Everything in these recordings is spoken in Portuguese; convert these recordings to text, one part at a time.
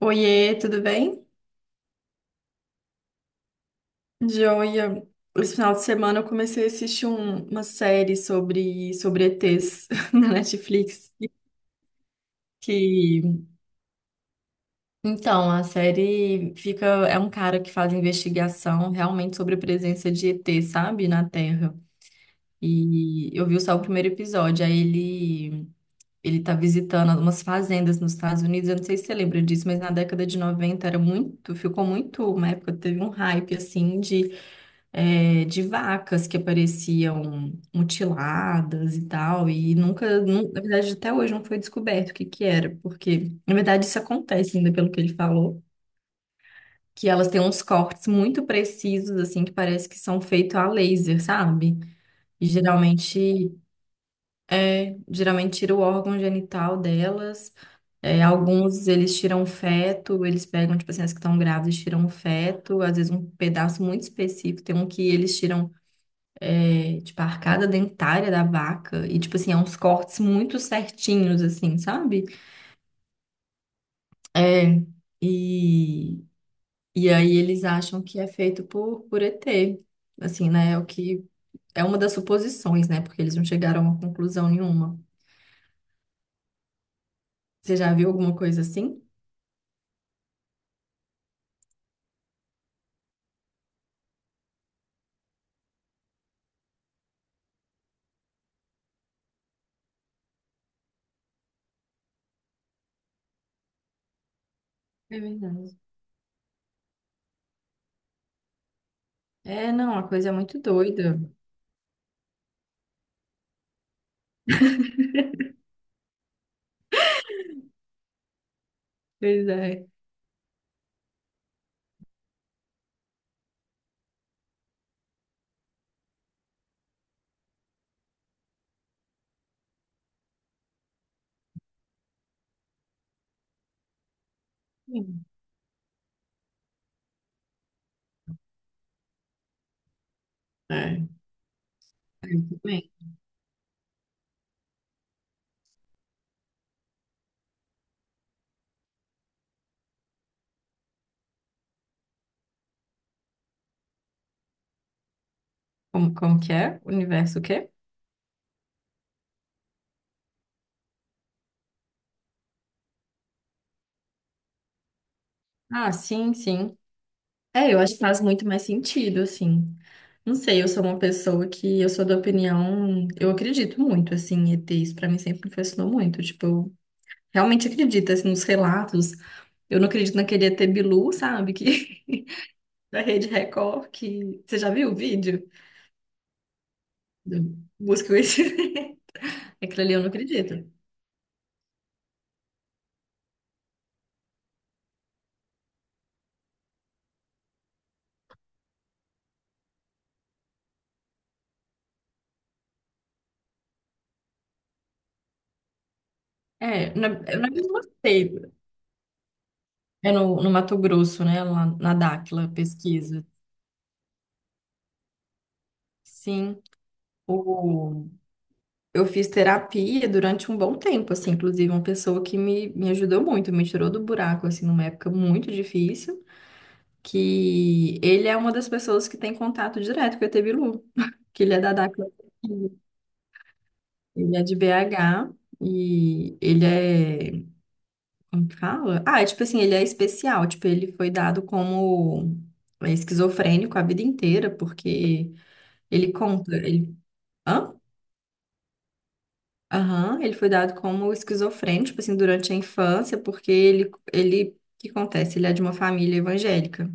Oiê, tudo bem? Joia. Esse final de semana eu comecei a assistir uma série sobre ETs na Netflix. Que, então, a série fica, é um cara que faz investigação realmente sobre a presença de ET, sabe, na Terra. E eu vi só o primeiro episódio, aí ele tá visitando algumas fazendas nos Estados Unidos. Eu não sei se você lembra disso, mas na década de 90 era muito, ficou muito, uma época teve um hype assim de de vacas que apareciam mutiladas e tal, e nunca, nu- na verdade, até hoje não foi descoberto o que que era, porque, na verdade, isso acontece ainda pelo que ele falou, que elas têm uns cortes muito precisos, assim, que parece que são feitos a laser, sabe? E geralmente, tira o órgão genital delas, alguns eles tiram feto, eles pegam, tipo assim, as que estão grávidas tiram feto, às vezes um pedaço muito específico, tem um que eles tiram tipo, a arcada dentária da vaca. E, tipo assim, é uns cortes muito certinhos, assim, sabe? É, e, e aí eles acham que é feito por ET. Assim, né? É o que. É uma das suposições, né? Porque eles não chegaram a uma conclusão nenhuma. Você já viu alguma coisa assim? É verdade. É, não, a coisa é muito doida. Pois é. Sim. É. Eu também. Como que é? Universo o quê? Ah, sim, sim. É, eu acho que faz muito mais sentido, assim. Não sei, eu sou uma pessoa que eu sou da opinião, eu acredito muito, assim, em ETs, pra mim sempre me fascinou muito, tipo, eu realmente acredito, assim, nos relatos. Eu não acredito naquele ET Bilu, sabe, que da Rede Record, que você já viu o vídeo? Do... Busca o esse. Aquilo ali eu não acredito. É, na, eu não mesma seita. É no Mato Grosso, né, lá na Dáquila, pesquisa. Sim, o. Eu fiz terapia durante um bom tempo, assim, inclusive uma pessoa que me ajudou muito, me tirou do buraco, assim, numa época muito difícil, que ele é uma das pessoas que tem contato direto com o ET Bilu, que ele é da DACA. Ele é de BH e ele é, como que fala? Ah, é tipo assim, ele é especial, tipo, ele foi dado como esquizofrênico a vida inteira, porque ele conta, ele... Hã? Aham, ele foi dado como esquizofrênico, tipo assim, durante a infância, porque o que acontece? Ele é de uma família evangélica.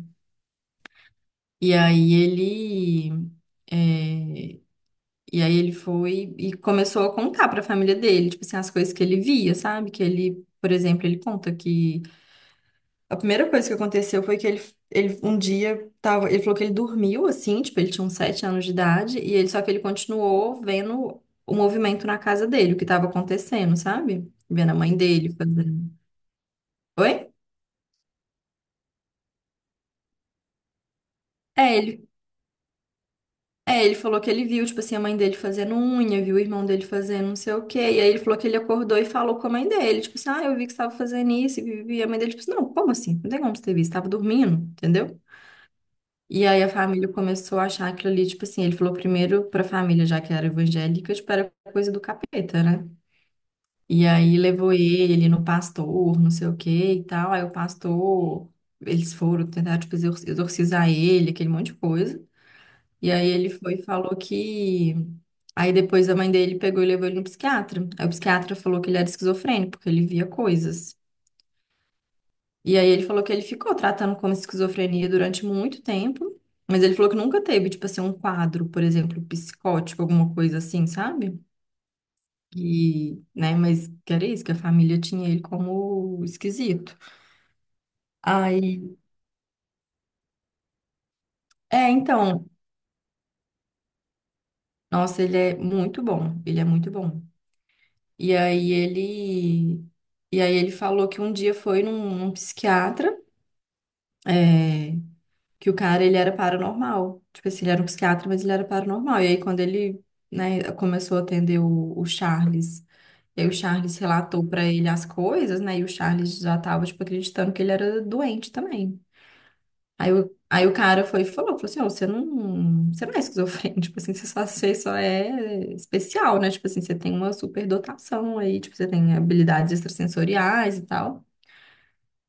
E aí ele, é, e aí ele foi e começou a contar para a família dele, tipo assim, as coisas que ele via, sabe? Que ele, por exemplo, ele conta que a primeira coisa que aconteceu foi que ele um dia tava, ele falou que ele dormiu assim, tipo, ele tinha uns 7 anos de idade, e ele só que ele continuou vendo o movimento na casa dele, o que estava acontecendo, sabe? Vendo a mãe dele fazendo. Oi? É, ele, é, ele falou que ele viu, tipo assim, a mãe dele fazendo unha, viu o irmão dele fazendo não sei o quê. E aí ele falou que ele acordou e falou com a mãe dele, tipo assim, ah, eu vi que você estava fazendo isso, e vivi. E a mãe dele, tipo assim, não, como assim? Não tem como você ter visto, estava dormindo, entendeu? E aí a família começou a achar aquilo ali, tipo assim, ele falou primeiro pra família, já que era evangélica, tipo, era coisa do capeta, né? E aí levou ele no pastor, não sei o que e tal. Aí o pastor, eles foram tentar, tipo, exorcizar ele, aquele monte de coisa. E aí ele foi e falou que. Aí depois a mãe dele pegou e levou ele no psiquiatra. Aí o psiquiatra falou que ele era esquizofrênico, porque ele via coisas. E aí ele falou que ele ficou tratando como esquizofrenia durante muito tempo, mas ele falou que nunca teve, tipo assim, um quadro, por exemplo, psicótico, alguma coisa assim, sabe? E, né, mas que era isso, que a família tinha ele como esquisito. Aí, então, nossa, ele é muito bom, ele é muito bom. E aí ele, e aí ele falou que um dia foi num psiquiatra, é, que o cara, ele era paranormal. Tipo assim, ele era um psiquiatra, mas ele era paranormal. E aí, quando ele, né, começou a atender o Charles, e aí o Charles relatou pra ele as coisas, né, e o Charles já tava, tipo, acreditando que ele era doente também. Aí o cara foi e falou, assim, ó, você não é esquizofrênico, tipo assim, você só é especial, né, tipo assim, você tem uma superdotação aí, tipo, você tem habilidades extrasensoriais e tal.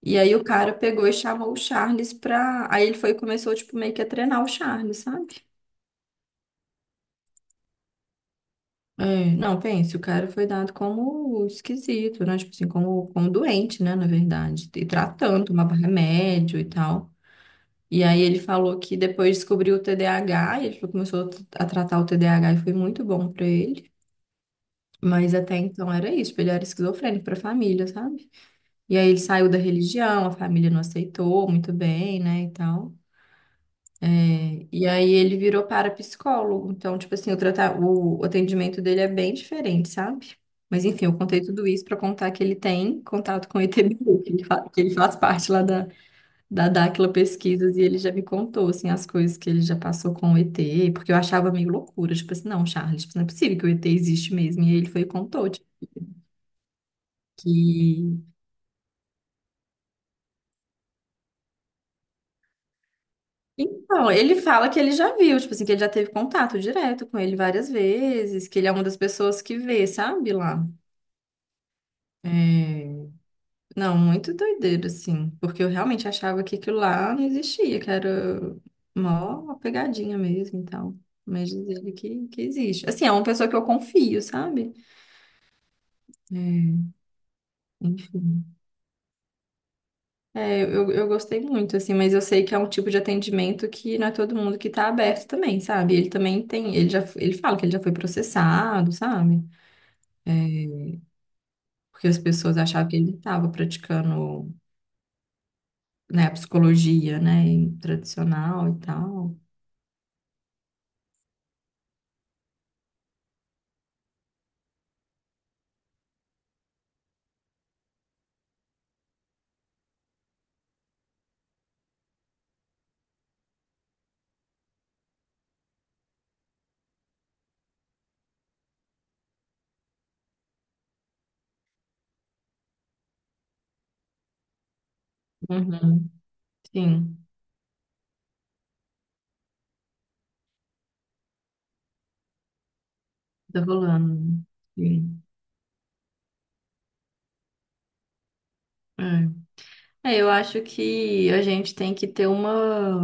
E aí o cara pegou e chamou o Charles pra. Aí ele foi e começou, tipo, meio que a treinar o Charles, sabe? É, não, pense, o cara foi dado como esquisito, né? Tipo assim, como doente, né? Na verdade. E tratando, tomava remédio e tal. E aí ele falou que depois descobriu o TDAH, e ele falou que começou a tratar o TDAH e foi muito bom pra ele. Mas até então era isso, tipo, ele era esquizofrênico pra família, sabe? E aí ele saiu da religião, a família não aceitou muito bem, né? E tal. E aí ele virou parapsicólogo. Então, tipo assim, o atendimento dele é bem diferente, sabe? Mas enfim, eu contei tudo isso pra contar que ele tem contato com o ETBU, que ele que ele faz parte lá da Dáquila Pesquisas, e ele já me contou, assim, as coisas que ele já passou com o ET, porque eu achava meio loucura, tipo assim, não, Charles, tipo, não é possível que o ET existe mesmo. E aí ele foi e contou, tipo, que... Então, ele fala que ele já viu, tipo assim, que ele já teve contato direto com ele várias vezes, que ele é uma das pessoas que vê, sabe, lá. É, não, muito doideira, assim. Porque eu realmente achava que aquilo lá não existia, que era mó pegadinha mesmo e tal. Mas diz ele que existe. Assim, é uma pessoa que eu confio, sabe? É, enfim. É, eu gostei muito, assim, mas eu sei que é um tipo de atendimento que não é todo mundo que tá aberto também, sabe? Ele também tem, ele já, ele fala que ele já foi processado, sabe? É, porque as pessoas achavam que ele estava praticando, né, a psicologia, né, tradicional e tal. Uhum. Sim. Tá rolando. Sim. É. É, eu acho que a gente tem que ter uma.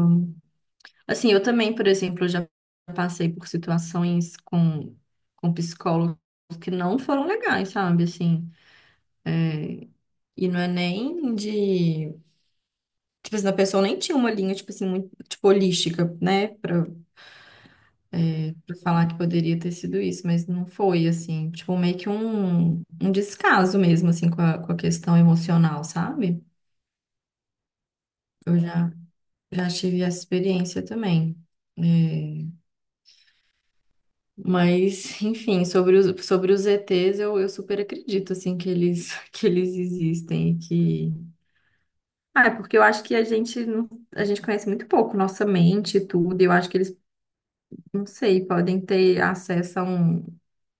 Assim, eu também, por exemplo, já passei por situações com psicólogos que não foram legais, sabe? Assim, e não é nem de. Tipo assim, a pessoa nem tinha uma linha, tipo assim, muito, tipo, holística, né? Pra falar que poderia ter sido isso, mas não foi, assim. Tipo, meio que um descaso mesmo, assim, com a questão emocional, sabe? Eu já Já tive essa experiência também. É, mas, enfim, sobre os ETs, eu super acredito, assim, que eles, que eles existem e que... Ah, é porque eu acho que a gente, não- a gente conhece muito pouco nossa mente e tudo, e eu acho que eles, não sei, podem ter acesso a um,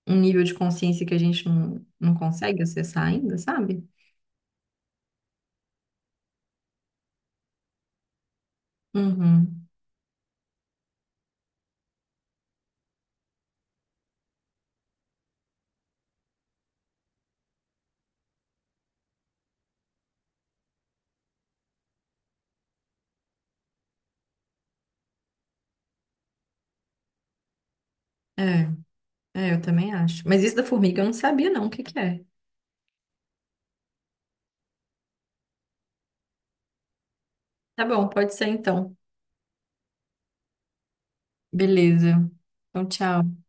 um nível de consciência que a gente não consegue acessar ainda, sabe? Uhum. É, eu também acho. Mas isso da formiga eu não sabia, não, o que que é. Tá bom, pode ser então. Beleza. Então, tchau.